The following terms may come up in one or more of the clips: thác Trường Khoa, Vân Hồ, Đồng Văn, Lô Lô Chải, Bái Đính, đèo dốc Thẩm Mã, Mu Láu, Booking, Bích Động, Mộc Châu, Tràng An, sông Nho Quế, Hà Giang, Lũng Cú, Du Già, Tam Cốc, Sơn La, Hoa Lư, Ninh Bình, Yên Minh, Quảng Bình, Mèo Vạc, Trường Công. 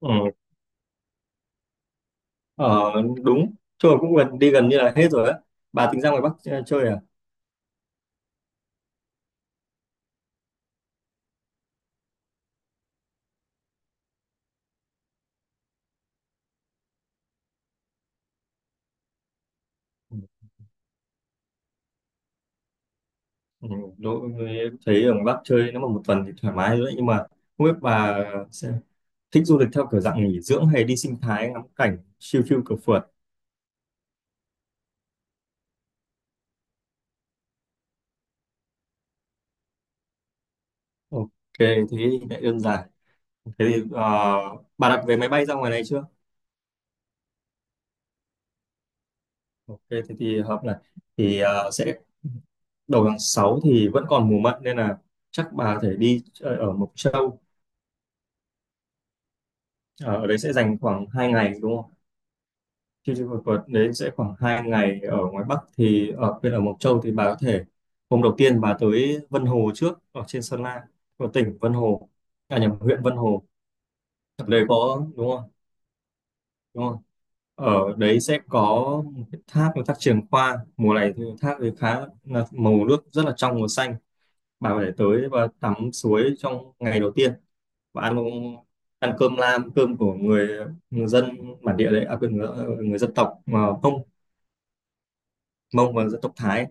Ừ, ờ, đúng chơi cũng gần, đi gần như là hết rồi á. Bà tính ra ngoài Bắc chơi à? ừ, ừ, em thấy ở ngoài Bắc chơi nếu mà một tuần thì thoải mái rồi đấy, nhưng mà không biết bà sẽ thích du lịch theo kiểu dạng nghỉ dưỡng hay đi sinh thái ngắm cảnh chill chill cửa phượt. Ok, thế thì lại đơn giản. Thế thì bà đặt vé máy bay ra ngoài này chưa? Ok thế thì hợp này. Thì ờ, sẽ Đầu tháng 6 thì vẫn còn mùa mận nên là chắc bà có thể đi chơi ở Mộc Châu. Ờ, ở đấy sẽ dành khoảng 2 ngày đúng không? Chương trình một tuần đấy sẽ khoảng 2 ngày ở ngoài Bắc, thì ở bên ở Mộc Châu thì bà có thể hôm đầu tiên bà tới Vân Hồ trước, ở trên Sơn La, của tỉnh Vân Hồ, à nhầm, huyện Vân Hồ. Ở đây có đúng không, đúng không, ở đấy sẽ có một cái thác là thác Trường Khoa. Mùa này thì thác thì khá là màu nước rất là trong và xanh. Bà có tới và tắm suối trong ngày đầu tiên và ăn, ăn cơm lam, cơm của người dân bản địa đấy, à quên, người dân tộc mà Mông, Mông và dân tộc Thái.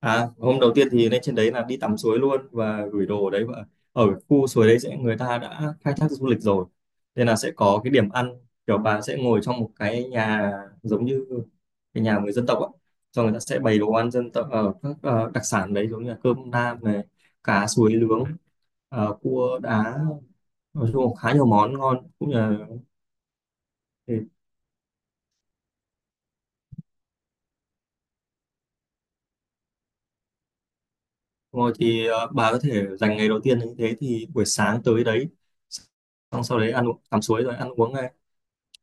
À, hôm đầu tiên thì lên trên đấy là đi tắm suối luôn và gửi đồ ở đấy, và ở khu suối đấy sẽ người ta đã khai thác du lịch rồi nên là sẽ có cái điểm ăn, kiểu bà sẽ ngồi trong một cái nhà giống như cái nhà người dân tộc á. Xong người ta sẽ bày đồ ăn dân tộc ở các đặc sản đấy, giống như là cơm nam này, cá suối nướng, ờ, cua đá. Nói chung là khá nhiều món ngon cũng như là thịt. Rồi thì bà có thể dành ngày đầu tiên như thế, thì buổi sáng tới đấy, xong sau đấy ăn uống tắm suối rồi ăn uống.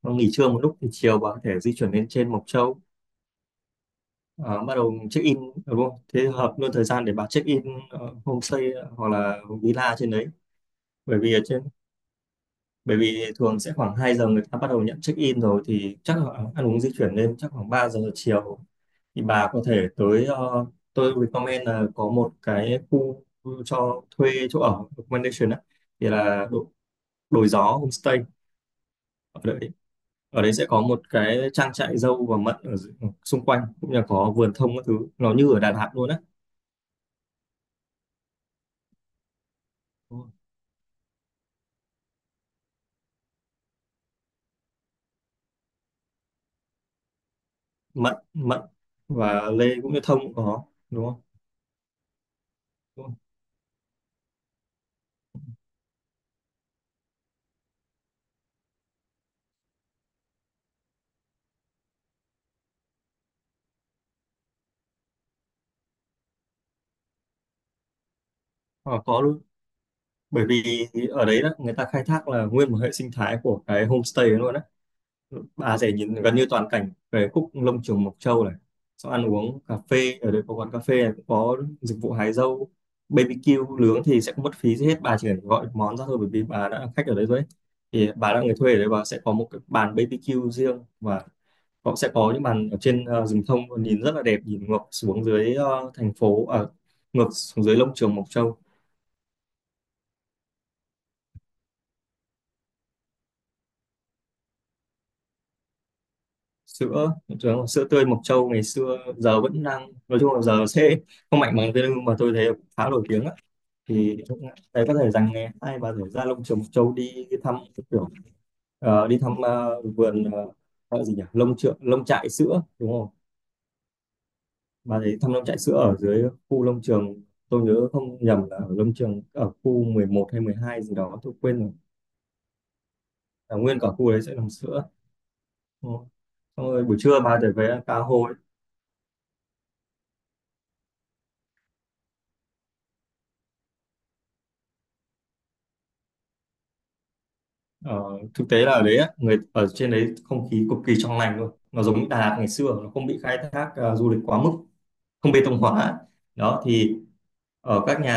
Nó nghỉ trưa một lúc thì chiều bà có thể di chuyển lên trên Mộc Châu, ờ, bắt đầu check in đúng không? Thế hợp luôn thời gian để bà check in ờ, homestay ờ, hoặc là villa trên đấy. bởi vì ở trên Bởi vì thường sẽ khoảng 2 giờ người ta bắt đầu nhận check in rồi, thì chắc là ăn uống di chuyển lên chắc khoảng 3 giờ chiều thì bà có thể tới ờ, tôi recommend là có một cái khu cho thuê chỗ ở accommodation á, thì là Đồi Gió Homestay. Ở đấy sẽ có một cái trang trại dâu và mận ở xung quanh, cũng như là có vườn thông các thứ, nó như ở Đà Lạt luôn á. Đúng rồi. Mận mận và lê cũng như thông cũng có đúng không? Đúng không? Ờ, có luôn. Bởi vì ở đấy đó, người ta khai thác là nguyên một hệ sinh thái của cái homestay ấy luôn á. Bà sẽ nhìn gần như toàn cảnh về khúc lông trường Mộc Châu này. Xong ăn uống cà phê ở đây, có quán cà phê này cũng có dịch vụ hái dâu. BBQ nướng thì sẽ không mất phí gì hết, bà chỉ cần gọi món ra thôi, bởi vì bà đã là khách ở đấy rồi ấy. Thì bà là người thuê ở đấy, bà sẽ có một cái bàn BBQ riêng, và họ sẽ có những bàn ở trên ờ, rừng thông, nhìn rất là đẹp, nhìn ngược xuống dưới ờ, thành phố ở ngược xuống dưới lông trường Mộc Châu. Sữa sữa sữa tươi Mộc Châu ngày xưa giờ vẫn đang, nói chung là giờ sẽ không mạnh bằng, thế nhưng mà tôi thấy khá nổi tiếng á. Thì chúng có thể dành ngày hai, bà thể ra lông Trường Mộc Châu đi thăm cái kiểu ờ, đi thăm ờ, vườn ờ, ờ, gì nhỉ, lông trượng lông trại sữa đúng không, bà thấy thăm lông trại sữa ở dưới khu lông trường. Tôi nhớ không nhầm là ở lông trường ở khu 11 hay 12 gì đó, tôi quên rồi, là nguyên cả khu đấy sẽ làm sữa, đúng. Xong rồi buổi trưa bà thể về ăn cá hồi. Ờ, thực tế là ở đấy á, người ở trên đấy không khí cực kỳ trong lành luôn, nó giống Đà Lạt ngày xưa, nó không bị khai thác ờ, du lịch quá mức, không bê tông hóa đó. Thì ở các nhà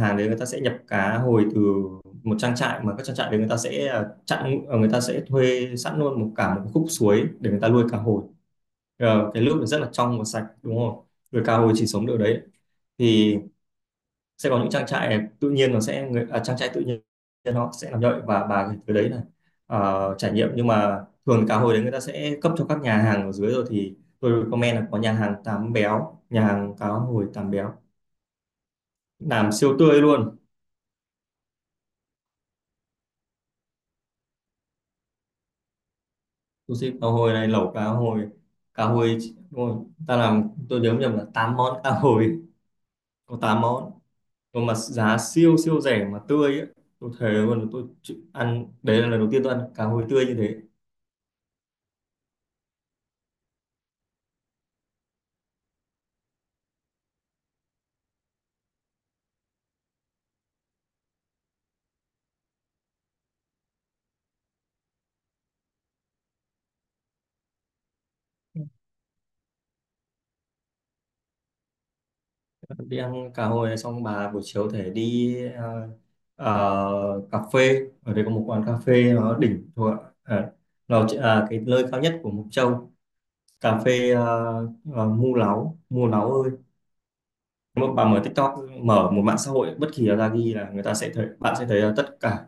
hàng đấy người ta sẽ nhập cá hồi từ một trang trại, mà các trang trại đấy người ta sẽ ờ, chặn ờ, người ta sẽ thuê sẵn luôn một cả một khúc suối để người ta nuôi cá hồi. Ờ, cái nước rất là trong và sạch đúng không, nuôi cá hồi chỉ sống được đấy. Thì sẽ có những trang trại tự nhiên, nó sẽ người à, trang trại tự nhiên nó sẽ làm như vậy, và bà thì tới đấy là ờ, trải nghiệm. Nhưng mà thường cá hồi đấy người ta sẽ cấp cho các nhà hàng ở dưới, rồi thì tôi comment là có nhà hàng tám béo, nhà hàng cá hồi tám béo, làm siêu tươi luôn. Sushi cá hồi này, lẩu cá hồi, cá hồi, đúng rồi. Ta làm tôi nhớ không nhầm là 8 món cá hồi, có 8 món. Nhưng mà giá siêu siêu rẻ mà tươi ấy. Tôi thề luôn, tôi chịu ăn, đấy là lần đầu tiên tôi ăn cá hồi tươi như thế. Đi ăn cá hồi xong, bà buổi chiều thể đi ờ, ờ, cà phê. Ở đây có một quán cà phê nó đỉnh thuộc à, nó chỉ là cái nơi cao nhất của Mộc Châu. Cà phê Mu Láu, Mu Láu ơi. Nếu mà bà mở TikTok, mở một mạng xã hội bất kỳ là ra ghi là, người ta sẽ thấy, bạn sẽ thấy là tất cả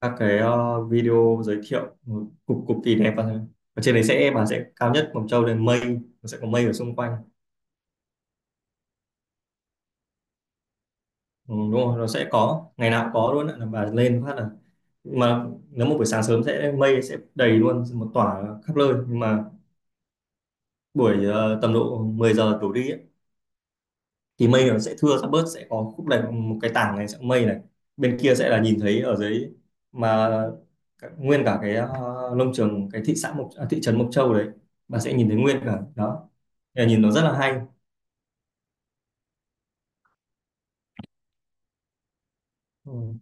các cái ờ, video giới thiệu một cực cực kỳ đẹp. Và ở trên đấy sẽ bà sẽ cao nhất Mộc Châu, lên mây, nó sẽ có mây ở xung quanh. Ừ, đúng rồi, nó sẽ có, ngày nào cũng có luôn ạ, là bà lên phát là, mà nếu một buổi sáng sớm sẽ mây sẽ đầy luôn một tỏa khắp nơi. Nhưng mà buổi ờ, tầm độ 10 giờ đổ đi ấy, thì mây nó sẽ thưa, sẽ bớt, sẽ có khúc này một cái tảng này sẽ mây này, bên kia sẽ là nhìn thấy ở dưới. Mà nguyên cả cái ờ, nông trường, cái thị xã Mộc à, thị trấn Mộc Châu đấy, bà sẽ nhìn thấy nguyên cả đó. Thì là nhìn nó rất là hay. Ừ.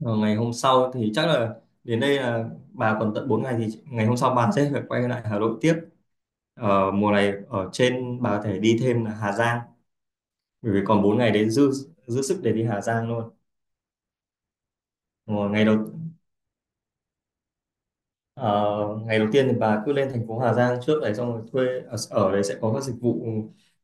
Ờ, ngày hôm sau thì chắc là, đến đây là bà còn tận 4 ngày, thì ngày hôm sau bà sẽ phải quay lại Hà Nội tiếp. Ở mùa này ở trên bà có thể đi thêm là Hà Giang, bởi vì còn 4 ngày đấy, dư dư sức để đi Hà Giang luôn. Mà ngày đầu ờ, Ngày đầu tiên thì bà cứ lên thành phố Hà Giang trước đấy, xong rồi thuê, ở đấy sẽ có các dịch vụ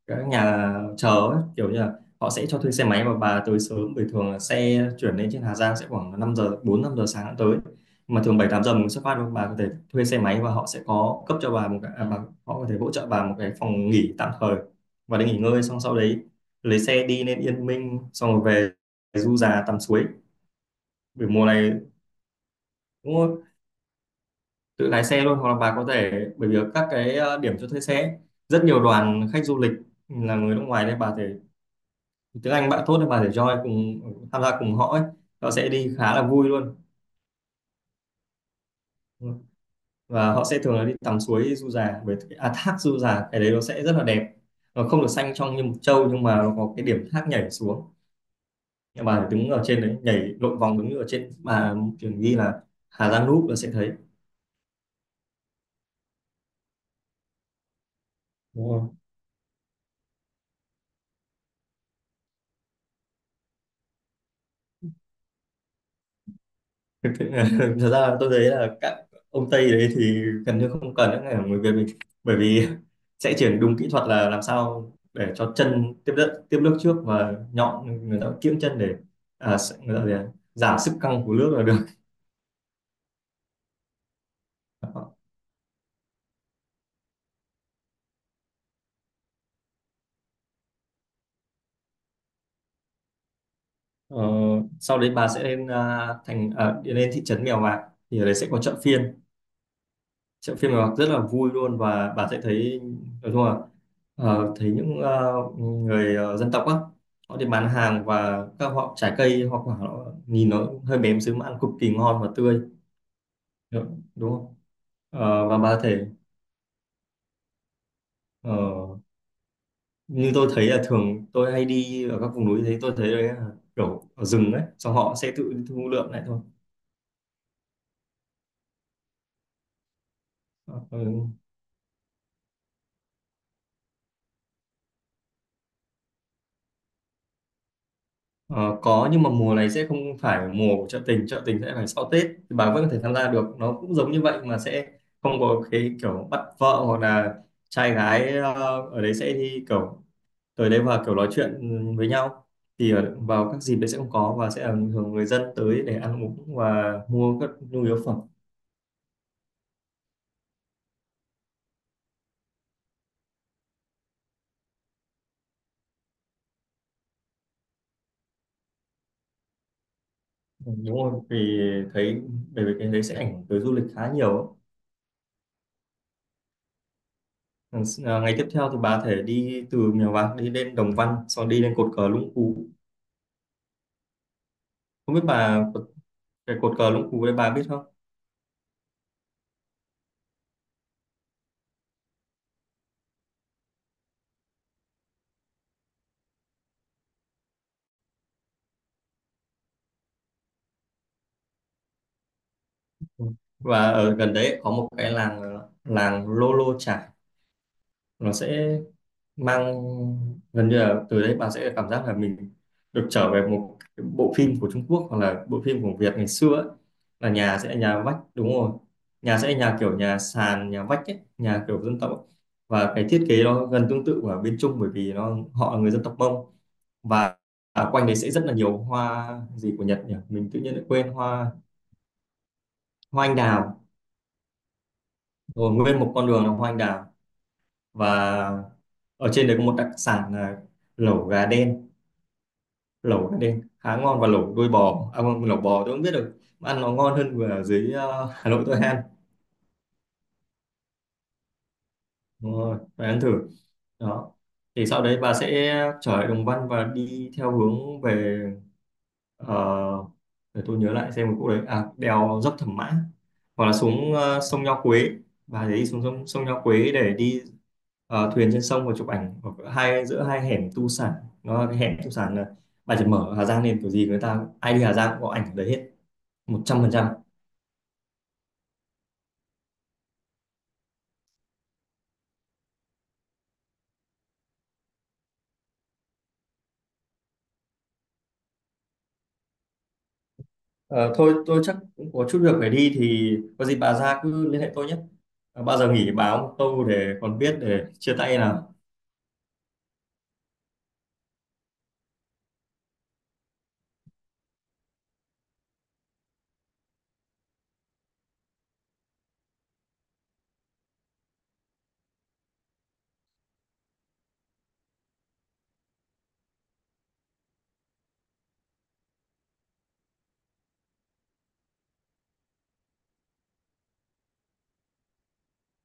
các nhà chờ ấy, kiểu như là họ sẽ cho thuê xe máy. Và bà tới sớm, bởi thường là xe chuyển lên trên Hà Giang sẽ khoảng 5 giờ 4 5 giờ sáng đã tới, mà thường 7 8 giờ mình xuất phát rồi. Bà có thể thuê xe máy và họ sẽ có cấp cho bà một cái à, bà, họ có thể hỗ trợ bà một cái phòng nghỉ tạm thời, và để nghỉ ngơi xong sau đấy lấy xe đi lên Yên Minh, xong rồi về du già tắm suối. Bởi mùa này cũng tự lái xe luôn, hoặc là bà có thể, bởi vì các cái ờ, điểm cho thuê xe ấy, rất nhiều đoàn khách du lịch là người nước ngoài, nên bà thể tiếng Anh bạn tốt, nên bà thể join cùng tham gia cùng họ ấy. Họ sẽ đi khá là vui luôn. Và họ sẽ thường là đi tắm suối Du Già với thác Du Già, cái đấy nó sẽ rất là đẹp. Nó không được xanh trong như Mộc Châu, nhưng mà nó có cái điểm thác nhảy xuống. Nhưng bà phải đứng ở trên đấy nhảy lộn vòng, đứng ở trên bà trường ghi là Hà Giang Núp là sẽ thấy. Thực thực ra tôi thấy là các ông Tây đấy thì gần như không cần, những người người Việt mình bởi vì sẽ chuyển đúng kỹ thuật là làm sao để cho chân tiếp đất tiếp nước trước, và nhọn người ta kiễng chân để à, sẽ- người ta gì ạ? Giảm sức căng của nước là được. ờ, Sau đấy bà sẽ lên đi lên thị trấn Mèo Vạc, thì ở đấy sẽ có chợ phiên. Chợ phiên Mèo Vạc rất là vui luôn, và bà sẽ thấy, nói chung là, ờ, thấy những người dân tộc á, họ đi bán hàng, và các họ trái cây hoa quả, họ nhìn nó hơi bém xíu mà ăn cực kỳ ngon và tươi. Được, đúng không. Ờ, và bà thể, ờ, như tôi thấy là thường tôi hay đi ở các vùng núi, thấy tôi thấy đấy là kiểu ở rừng ấy, xong họ sẽ tự thu lượm lại thôi. Ờ, ừ. Ờ, có nhưng mà mùa này sẽ không phải mùa của chợ tình. Chợ tình sẽ phải sau Tết, thì bà vẫn có thể tham gia được, nó cũng giống như vậy mà sẽ không có cái kiểu bắt vợ, hoặc là trai gái ở đấy sẽ đi kiểu tới đấy và kiểu nói chuyện với nhau. Thì ở, vào các dịp đấy sẽ không có, và sẽ là thường người dân tới để ăn uống và mua các nhu yếu phẩm. Ừ, đúng rồi. Vì thấy, bởi vì cái đấy sẽ ảnh hưởng tới du lịch khá nhiều ấy. Ừ, à, ngày tiếp theo thì bà có thể đi từ Mèo Vạc đi lên Đồng Văn, sau đi lên cột cờ Lũng Cú. Không biết bà có cái cột cờ Lũng Cú đấy bà biết không. Ừ. Và ở gần đấy có một cái làng làng Lô Lô Chải, nó sẽ mang gần như là từ đấy bà sẽ cảm giác là mình được trở về một cái bộ phim của Trung Quốc, hoặc là bộ phim của Việt ngày xưa ấy. Là nhà sẽ là nhà vách, đúng rồi, nhà sẽ là nhà kiểu nhà sàn nhà vách ấy, nhà kiểu dân tộc ấy. Và cái thiết kế nó gần tương tự ở bên Trung, bởi vì nó họ là người dân tộc Mông. Và ở quanh đấy sẽ rất là nhiều hoa gì của Nhật nhỉ, mình tự nhiên lại quên hoa. Hoa anh đào, rồi nguyên một con đường là hoa anh đào. Và ở trên đấy có một đặc sản là lẩu gà đen. Lẩu gà đen khá ngon, và lẩu đuôi bò, à, không, lẩu bò tôi không biết được, mà ăn nó ngon hơn ở dưới Hà Nội tôi ăn. Đúng rồi, phải ăn thử đó. Thì sau đấy bà sẽ trở lại Đồng Văn và đi theo hướng về, ờ, để tôi nhớ lại xem một chỗ đấy, à, đèo dốc Thẩm Mã, hoặc là xuống sông Nho Quế. Và để đi xuống sông, sông Nho Quế để đi thuyền trên sông và chụp ảnh ở hai giữa hai hẻm tu sản. Nó là cái hẻm tu sản, là bà chỉ mở Hà Giang lên kiểu gì, người ta ai đi Hà Giang cũng có ảnh ở đấy hết, 100%. Ờ, thôi tôi chắc cũng có chút việc phải đi, thì có gì bà ra cứ liên hệ tôi nhé. Ờ, bao giờ nghỉ báo tôi để còn biết để chia tay nào.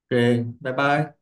Ok, bye bye.